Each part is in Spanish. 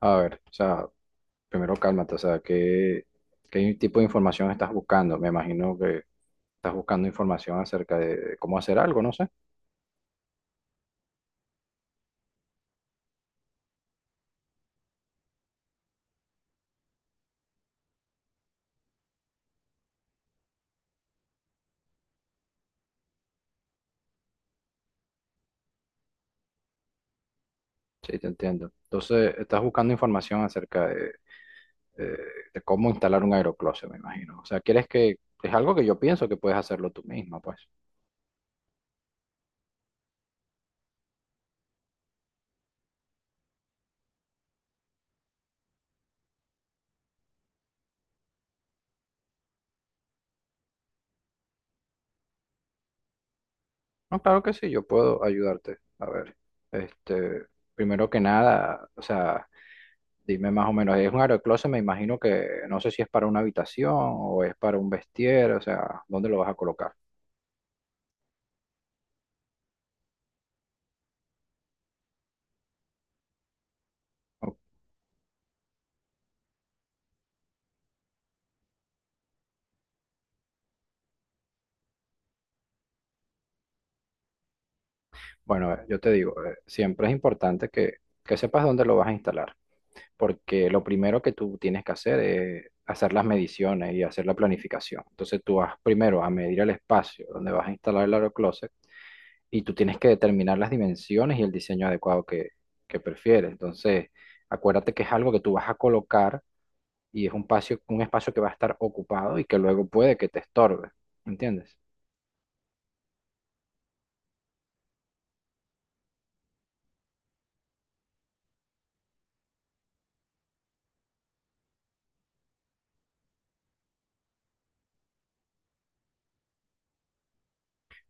A ver, o sea, primero cálmate. O sea, ¿qué tipo de información estás buscando? Me imagino que estás buscando información acerca de cómo hacer algo, no sé. Sí, te entiendo. Entonces, estás buscando información acerca de, de- de cómo instalar un aerocloset, me imagino. O sea, quieres que, es algo que yo pienso que puedes hacerlo tú misma, pues. No, claro que sí, yo puedo ayudarte. A ver, este, primero que nada, o sea... Dime más o menos, es un aerocloset, me imagino que no sé si es para una habitación o es para un vestier. O sea, ¿dónde lo vas a colocar? O- Bueno, yo te digo, siempre es importante que sepas dónde lo vas a instalar, porque lo primero que tú tienes que hacer es hacer las mediciones y hacer la planificación. Entonces tú vas primero a medir el espacio donde vas a instalar el aerocloset y tú tienes que determinar las dimensiones y el diseño adecuado que prefieres. Entonces, acuérdate que es algo que tú vas a colocar y es un espacio que va a estar ocupado y que luego puede que te estorbe, ¿entiendes?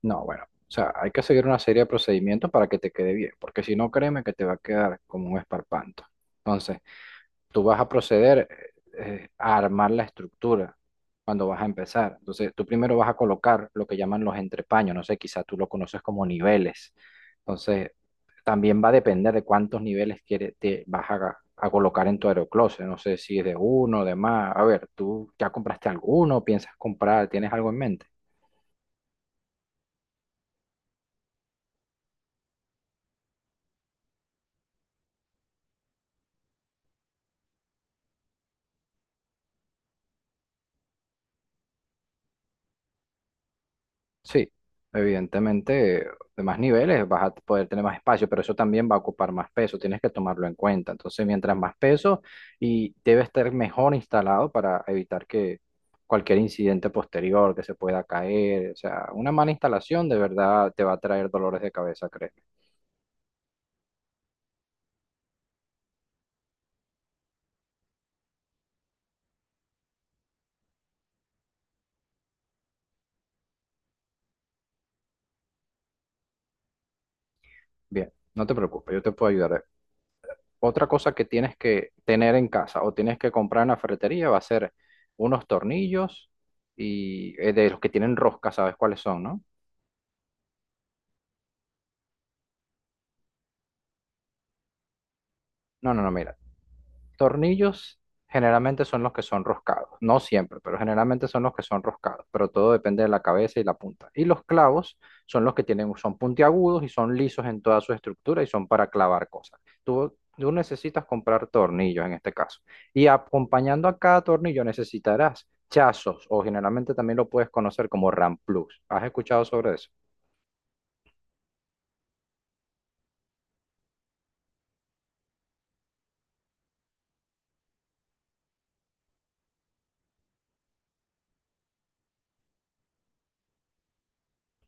No, bueno, o sea, hay que seguir una serie de procedimientos para que te quede bien, porque si no, créeme que te va a quedar como un esparpanto. Entonces, tú vas a proceder a armar la estructura cuando vas a empezar. Entonces, tú primero vas a colocar lo que llaman los entrepaños, no sé, quizás tú lo conoces como niveles. Entonces, también va a depender de cuántos niveles te vas a colocar en tu aeroclose. No sé si es de uno, de más. A ver, ¿tú ya compraste alguno? ¿Piensas comprar? ¿Tienes algo en mente? Sí, evidentemente, de más niveles vas a poder tener más espacio, pero eso también va a ocupar más peso, tienes que tomarlo en cuenta. Entonces, mientras más peso y debe estar mejor instalado para evitar que cualquier incidente posterior que se pueda caer. O sea, una mala instalación de verdad te va a traer dolores de cabeza, créeme. Bien, no te preocupes, yo te puedo ayudar. Otra cosa que tienes que tener en casa o tienes que comprar en la ferretería va a ser unos tornillos y de los que tienen rosca, ¿sabes cuáles son, no? No, no, no, mira. Tornillos generalmente son los que son roscados. No siempre, pero generalmente son los que son roscados. Pero todo depende de la cabeza y la punta. Y los clavos son los que tienen, son puntiagudos y son lisos en toda su estructura y son para clavar cosas. Tú necesitas comprar tornillos en este caso. Y acompañando a cada tornillo necesitarás chazos o generalmente también lo puedes conocer como ramplus. ¿Has escuchado sobre eso?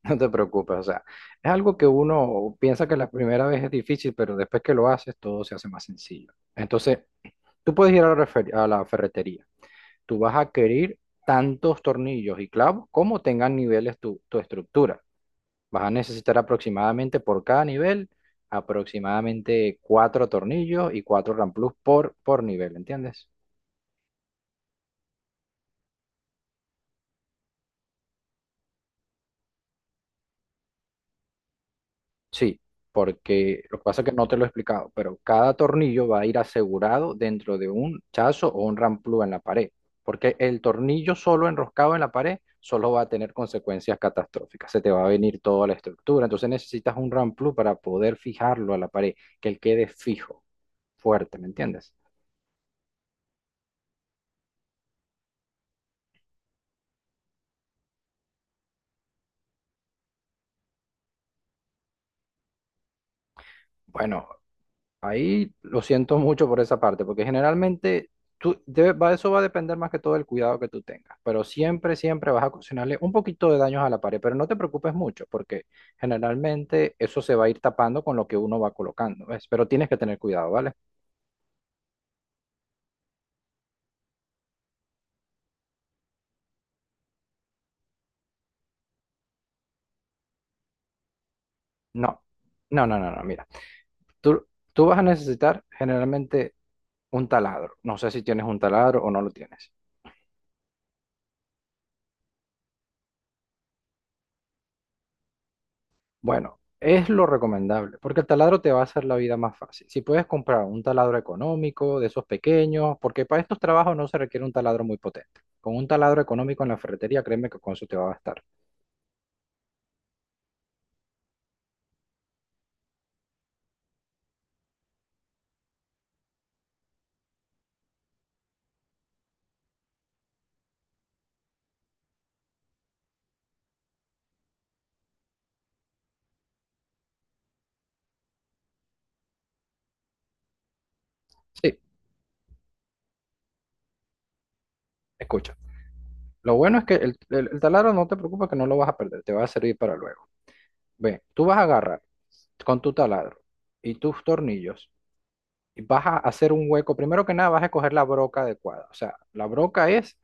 No te preocupes, o sea, es algo que uno piensa que la primera vez es difícil, pero después que lo haces todo se hace más sencillo. Entonces, tú puedes ir a a la ferretería, tú vas a adquirir tantos tornillos y clavos como tengan niveles tu estructura. Vas a necesitar aproximadamente por cada nivel, aproximadamente cuatro tornillos y cuatro ramplus por nivel, ¿entiendes? Sí, porque lo que pasa es que no te lo he explicado, pero cada tornillo va a ir asegurado dentro de un chazo o un ramplú en la pared, porque el tornillo solo enroscado en la pared solo va a tener consecuencias catastróficas, se te va a venir toda la estructura. Entonces necesitas un ramplú para poder fijarlo a la pared, que él quede fijo, fuerte, ¿me entiendes? Bueno, ahí lo siento mucho por esa parte, porque generalmente tú, eso va a depender más que todo del cuidado que tú tengas, pero siempre, siempre vas a ocasionarle un poquito de daños a la pared, pero no te preocupes mucho, porque generalmente eso se va a ir tapando con lo que uno va colocando, ¿ves? Pero tienes que tener cuidado, ¿vale? No, no, no, no, no, mira, tú, tú vas a necesitar generalmente un taladro, no sé si tienes un taladro o no lo tienes. Bueno, es lo recomendable, porque el taladro te va a hacer la vida más fácil. Si puedes comprar un taladro económico, de esos pequeños, porque para estos trabajos no se requiere un taladro muy potente. Con un taladro económico en la ferretería, créeme que con eso te va a bastar. Sí, escucha. Lo bueno es que el taladro no te preocupes que no lo vas a perder, te va a servir para luego. Ve, tú vas a agarrar con tu taladro y tus tornillos vas a hacer un hueco. Primero que nada vas a escoger la broca adecuada. O sea, la broca es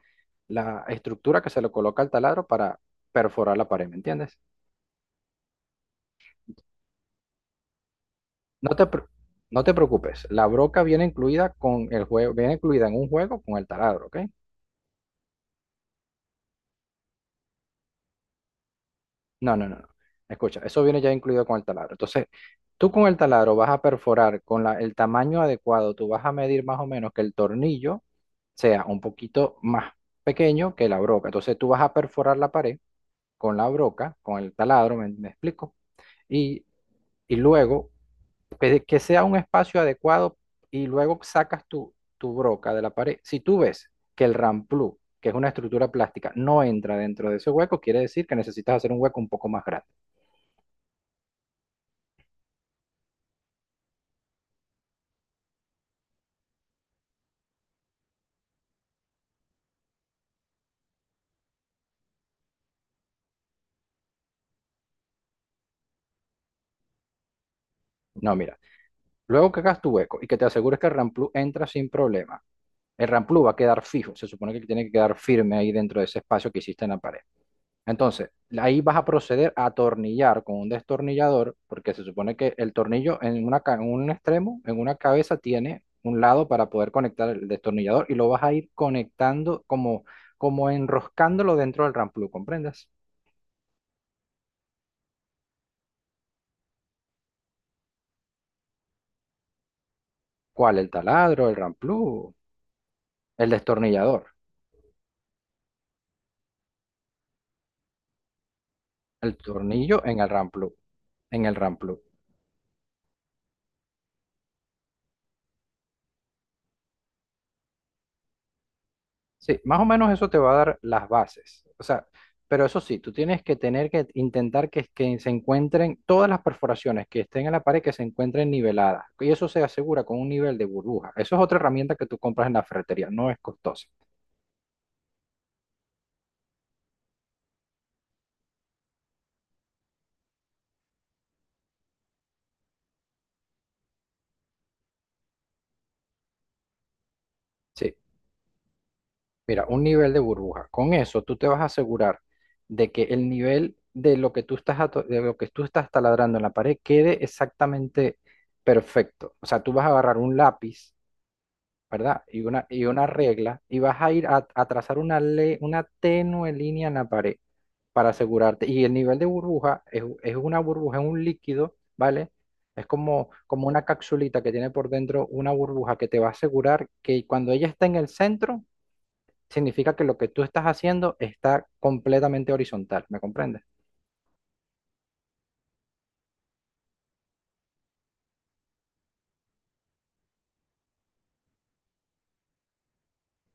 la estructura que se le coloca al taladro para perforar la pared, ¿me entiendes? No te, pre- no te preocupes, la broca viene incluida con el juego, viene incluida en un juego con el taladro, ¿ok? No, no, no, no. Escucha, eso viene ya incluido con el taladro. Entonces, tú con el taladro vas a perforar con el tamaño adecuado, tú vas a medir más o menos que el tornillo sea un poquito más pequeño que la broca. Entonces, tú vas a perforar la pared con la broca, con el taladro, ¿me explico? Y, y luego, que sea un espacio adecuado y luego sacas tu broca de la pared. Si tú ves que el ramplú, que es una estructura plástica, no entra dentro de ese hueco, quiere decir que necesitas hacer un hueco un poco más grande. No, mira, luego que hagas tu hueco y que te asegures que el ramplú entra sin problema, el ramplú va a quedar fijo, se supone que tiene que quedar firme ahí dentro de ese espacio que hiciste en la pared. Entonces, ahí vas a proceder a atornillar con un destornillador, porque se supone que el tornillo en un extremo, en una cabeza, tiene un lado para poder conectar el destornillador y lo vas a ir conectando como, como enroscándolo dentro del ramplú, ¿comprendes? ¿Cuál? El taladro, el ramplú, el destornillador, el tornillo en el ramplú, en el ramplú. Sí, más o menos eso te va a dar las bases. O sea, pero eso sí, tú tienes que tener que intentar que se encuentren todas las perforaciones que estén en la pared, que se encuentren niveladas. Y eso se asegura con un nivel de burbuja. Eso es otra herramienta que tú compras en la ferretería, no es costosa. Sí, mira, un nivel de burbuja. Con eso tú te vas a asegurar de que el nivel de lo que tú de lo que tú estás taladrando en la pared quede exactamente perfecto. O sea, tú vas a agarrar un lápiz, ¿verdad? Y una regla, y vas a ir a trazar una tenue línea en la pared para asegurarte. Y el nivel de burbuja es una burbuja, es un líquido, ¿vale? Es como, como una capsulita que tiene por dentro una burbuja que te va a asegurar que cuando ella está en el centro, significa que lo que tú estás haciendo está completamente horizontal, ¿me comprendes?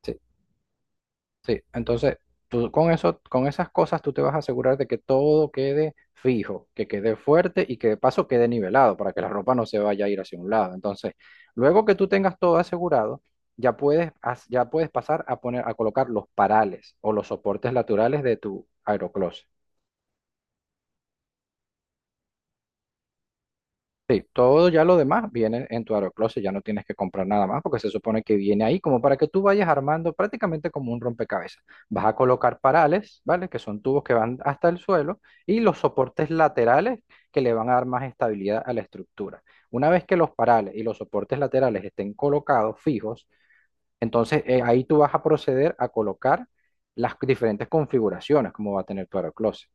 Sí. Sí, entonces tú con eso, con esas cosas tú te vas a asegurar de que todo quede fijo, que quede fuerte y que de paso quede nivelado para que la ropa no se vaya a ir hacia un lado. Entonces, luego que tú tengas todo asegurado, ya puedes, ya puedes pasar a poner, a colocar los parales o los soportes laterales de tu aerocloset. Sí, todo ya lo demás viene en tu AeroCloset, ya no tienes que comprar nada más porque se supone que viene ahí como para que tú vayas armando prácticamente como un rompecabezas. Vas a colocar parales, ¿vale? Que son tubos que van hasta el suelo y los soportes laterales que le van a dar más estabilidad a la estructura. Una vez que los parales y los soportes laterales estén colocados fijos, entonces ahí tú vas a proceder a colocar las diferentes configuraciones como va a tener tu AeroCloset.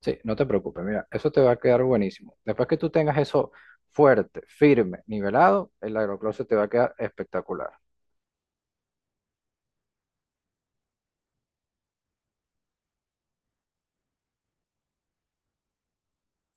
Sí, no te preocupes, mira, eso te va a quedar buenísimo. Después que tú tengas eso fuerte, firme, nivelado, el aerocloset te va a quedar espectacular.